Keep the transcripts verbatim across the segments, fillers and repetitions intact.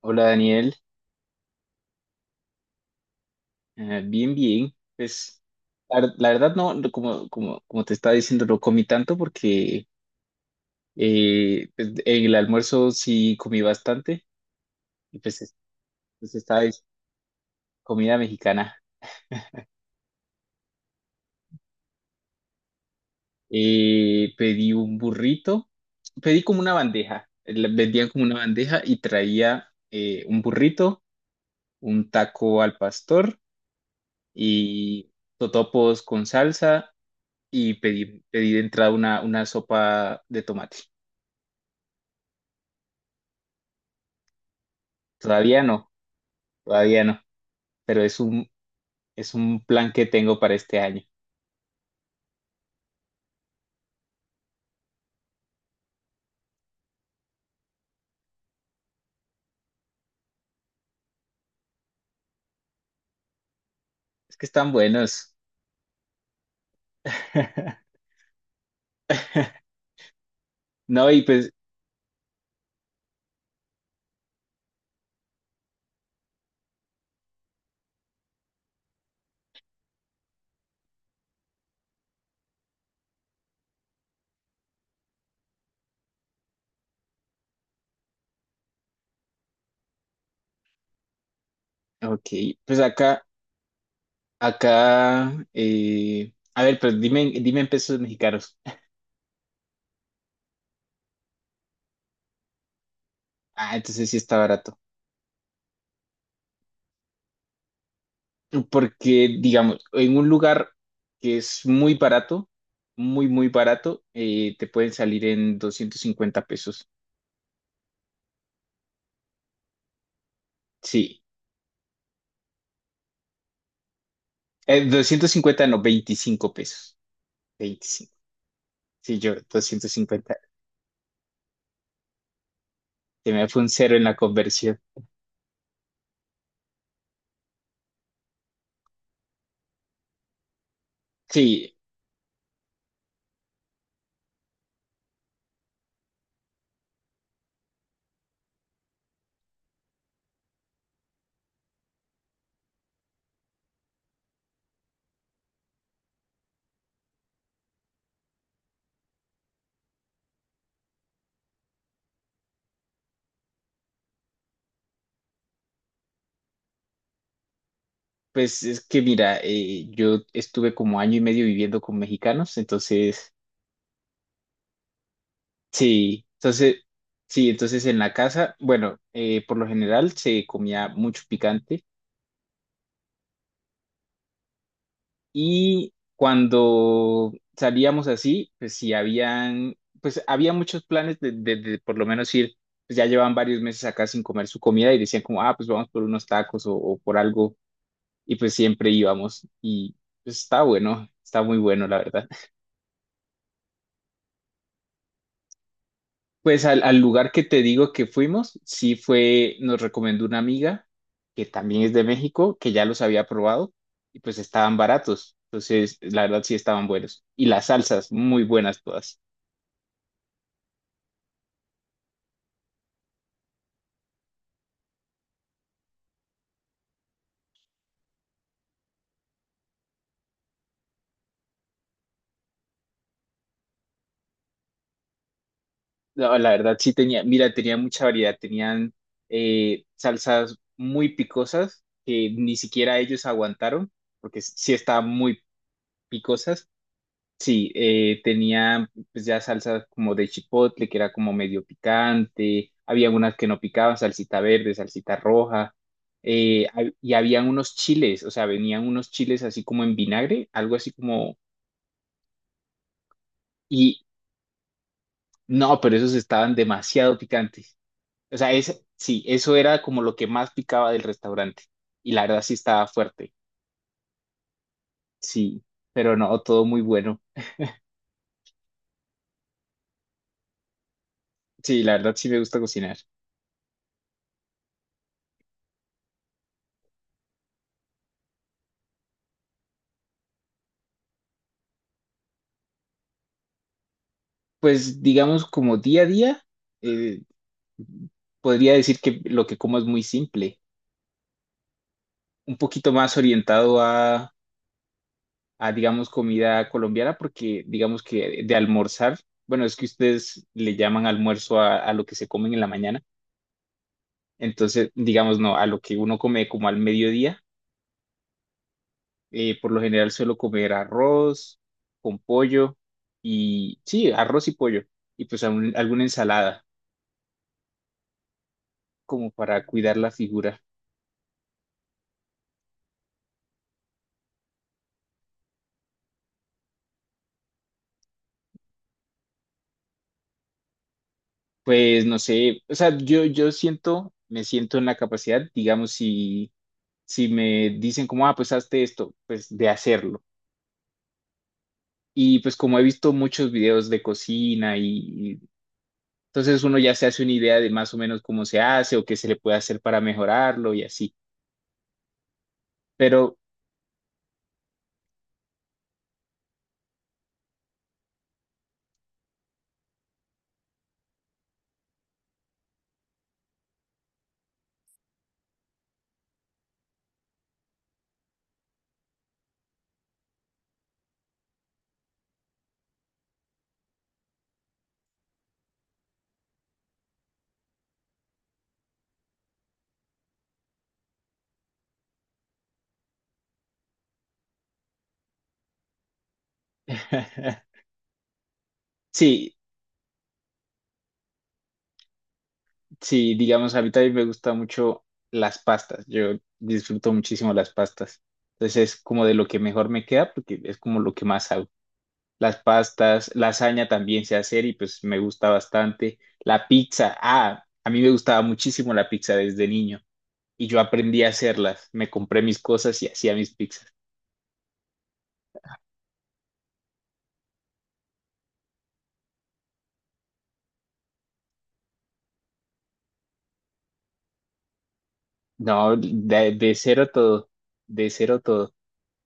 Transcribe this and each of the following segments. Hola Daniel. Eh, bien, bien. Pues la, ver- la verdad no, no, como, como, como te estaba diciendo, no comí tanto porque eh, pues, en el almuerzo sí comí bastante y pues, es- pues esta vez comida mexicana. Eh, pedí un burrito, pedí como una bandeja, eh, la- vendían como una bandeja y traía eh, un burrito, un taco al pastor y totopos con salsa y pedí, pedí de entrada una, una sopa de tomate. Todavía no, todavía no, pero es un, es un plan que tengo para este año. Es que están buenos. No, y pues, ok, pues acá, acá, eh, a ver, pues dime, dime en pesos mexicanos. Ah, entonces sí está barato. Porque, digamos, en un lugar que es muy barato, muy, muy barato, eh, te pueden salir en doscientos cincuenta pesos. Sí, eh, doscientos cincuenta no, veinticinco pesos. Veinticinco. Sí, yo, doscientos cincuenta. Se me fue un cero en la conversión. Sí, pues es que mira, eh, yo estuve como año y medio viviendo con mexicanos, entonces, sí, entonces, sí, entonces en la casa, bueno, eh, por lo general se comía mucho picante y cuando salíamos así, pues sí, habían, pues había muchos planes de, de- de por lo menos ir, pues ya llevaban varios meses acá sin comer su comida y decían como, ah, pues vamos por unos tacos o o por algo y pues siempre íbamos y pues, está bueno, está muy bueno la verdad. Pues al, al lugar que te digo que fuimos, sí fue, nos recomendó una amiga que también es de México, que ya los había probado y pues estaban baratos, entonces la verdad sí estaban buenos y las salsas muy buenas todas. La, la verdad sí tenía, mira, tenía mucha variedad, tenían eh, salsas muy picosas que ni siquiera ellos aguantaron porque sí estaban muy picosas. Sí, eh, tenía pues ya salsa como de chipotle, que era como medio picante, había unas que no picaban, salsita verde, salsita roja, eh, hab- y habían unos chiles, o sea, venían unos chiles así como en vinagre, algo así como, y no, pero esos estaban demasiado picantes. O sea, es, sí, eso era como lo que más picaba del restaurante, y la verdad sí estaba fuerte, sí, pero no, todo muy bueno. Sí, la verdad sí me gusta cocinar. Pues digamos como día a día. eh, Podría decir que lo que como es muy simple, un poquito más orientado a, a, digamos, comida colombiana, porque digamos que de almorzar, bueno, es que ustedes le llaman almuerzo a, a lo que se comen en la mañana, entonces, digamos, no, a lo que uno come como al mediodía, eh, por lo general suelo comer arroz con pollo y, sí, arroz y pollo, y pues algún- alguna ensalada, como para cuidar la figura. Pues no sé, o sea, yo, yo siento, me siento en la capacidad, digamos, si si me dicen como, ah, pues hazte esto, pues de hacerlo. Y pues como he visto muchos videos de cocina y, y entonces uno ya se hace una idea de más o menos cómo se hace o qué se le puede hacer para mejorarlo y así. Pero sí, sí, digamos, a mí también me gusta mucho las pastas. Yo disfruto muchísimo las pastas. Entonces es como de lo que mejor me queda porque es como lo que más hago. Las pastas, lasaña también sé hacer y pues me gusta bastante. La pizza, ah, a mí me gustaba muchísimo la pizza desde niño y yo aprendí a hacerlas. Me compré mis cosas y hacía mis pizzas. No, de, de cero todo, de cero todo,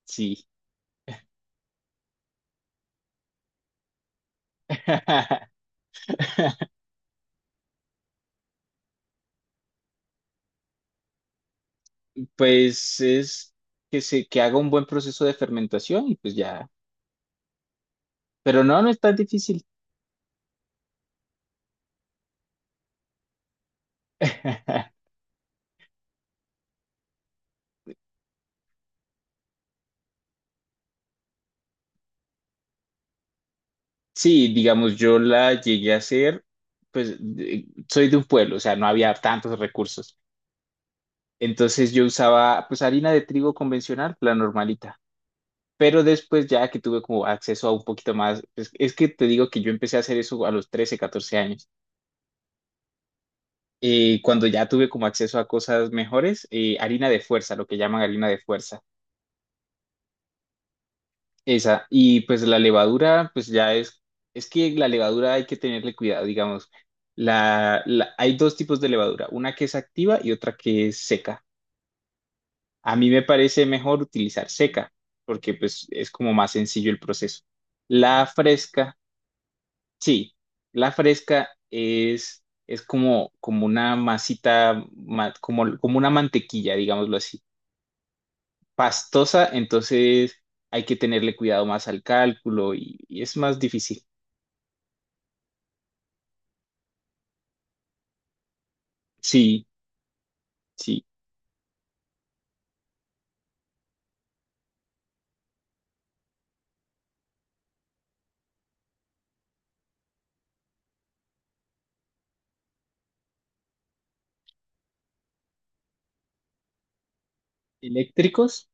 sí. Pues es que se, que haga un buen proceso de fermentación y pues ya. Pero no, no es tan difícil. Sí, digamos, yo la llegué a hacer, pues de- soy de un pueblo, o sea, no había tantos recursos. Entonces yo usaba pues harina de trigo convencional, la normalita. Pero después ya que tuve como acceso a un poquito más, es, es que te digo que yo empecé a hacer eso a los trece, catorce años. Eh, cuando ya tuve como acceso a cosas mejores, eh, harina de fuerza, lo que llaman harina de fuerza, esa. Y pues la levadura, pues ya es, es que la levadura hay que tenerle cuidado, digamos. La, la- hay dos tipos de levadura, una que es activa y otra que es seca. A mí me parece mejor utilizar seca, porque pues es como más sencillo el proceso. La fresca, sí, la fresca es, es como, como una masita, ma- como, como una mantequilla, digámoslo así, pastosa, entonces hay que tenerle cuidado más al cálculo y, y es más difícil. Sí, sí. ¿Eléctricos?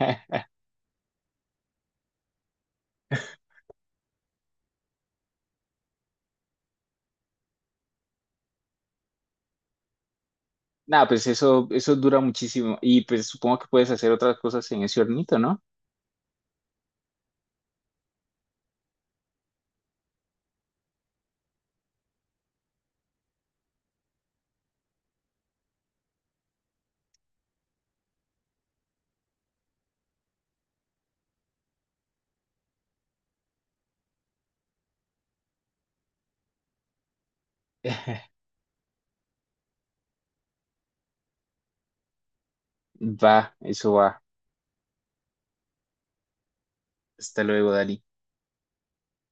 Nada, pues eso, eso dura muchísimo y pues supongo que puedes hacer otras cosas en ese hornito, ¿no? Va, eso va. Hasta luego, Dali.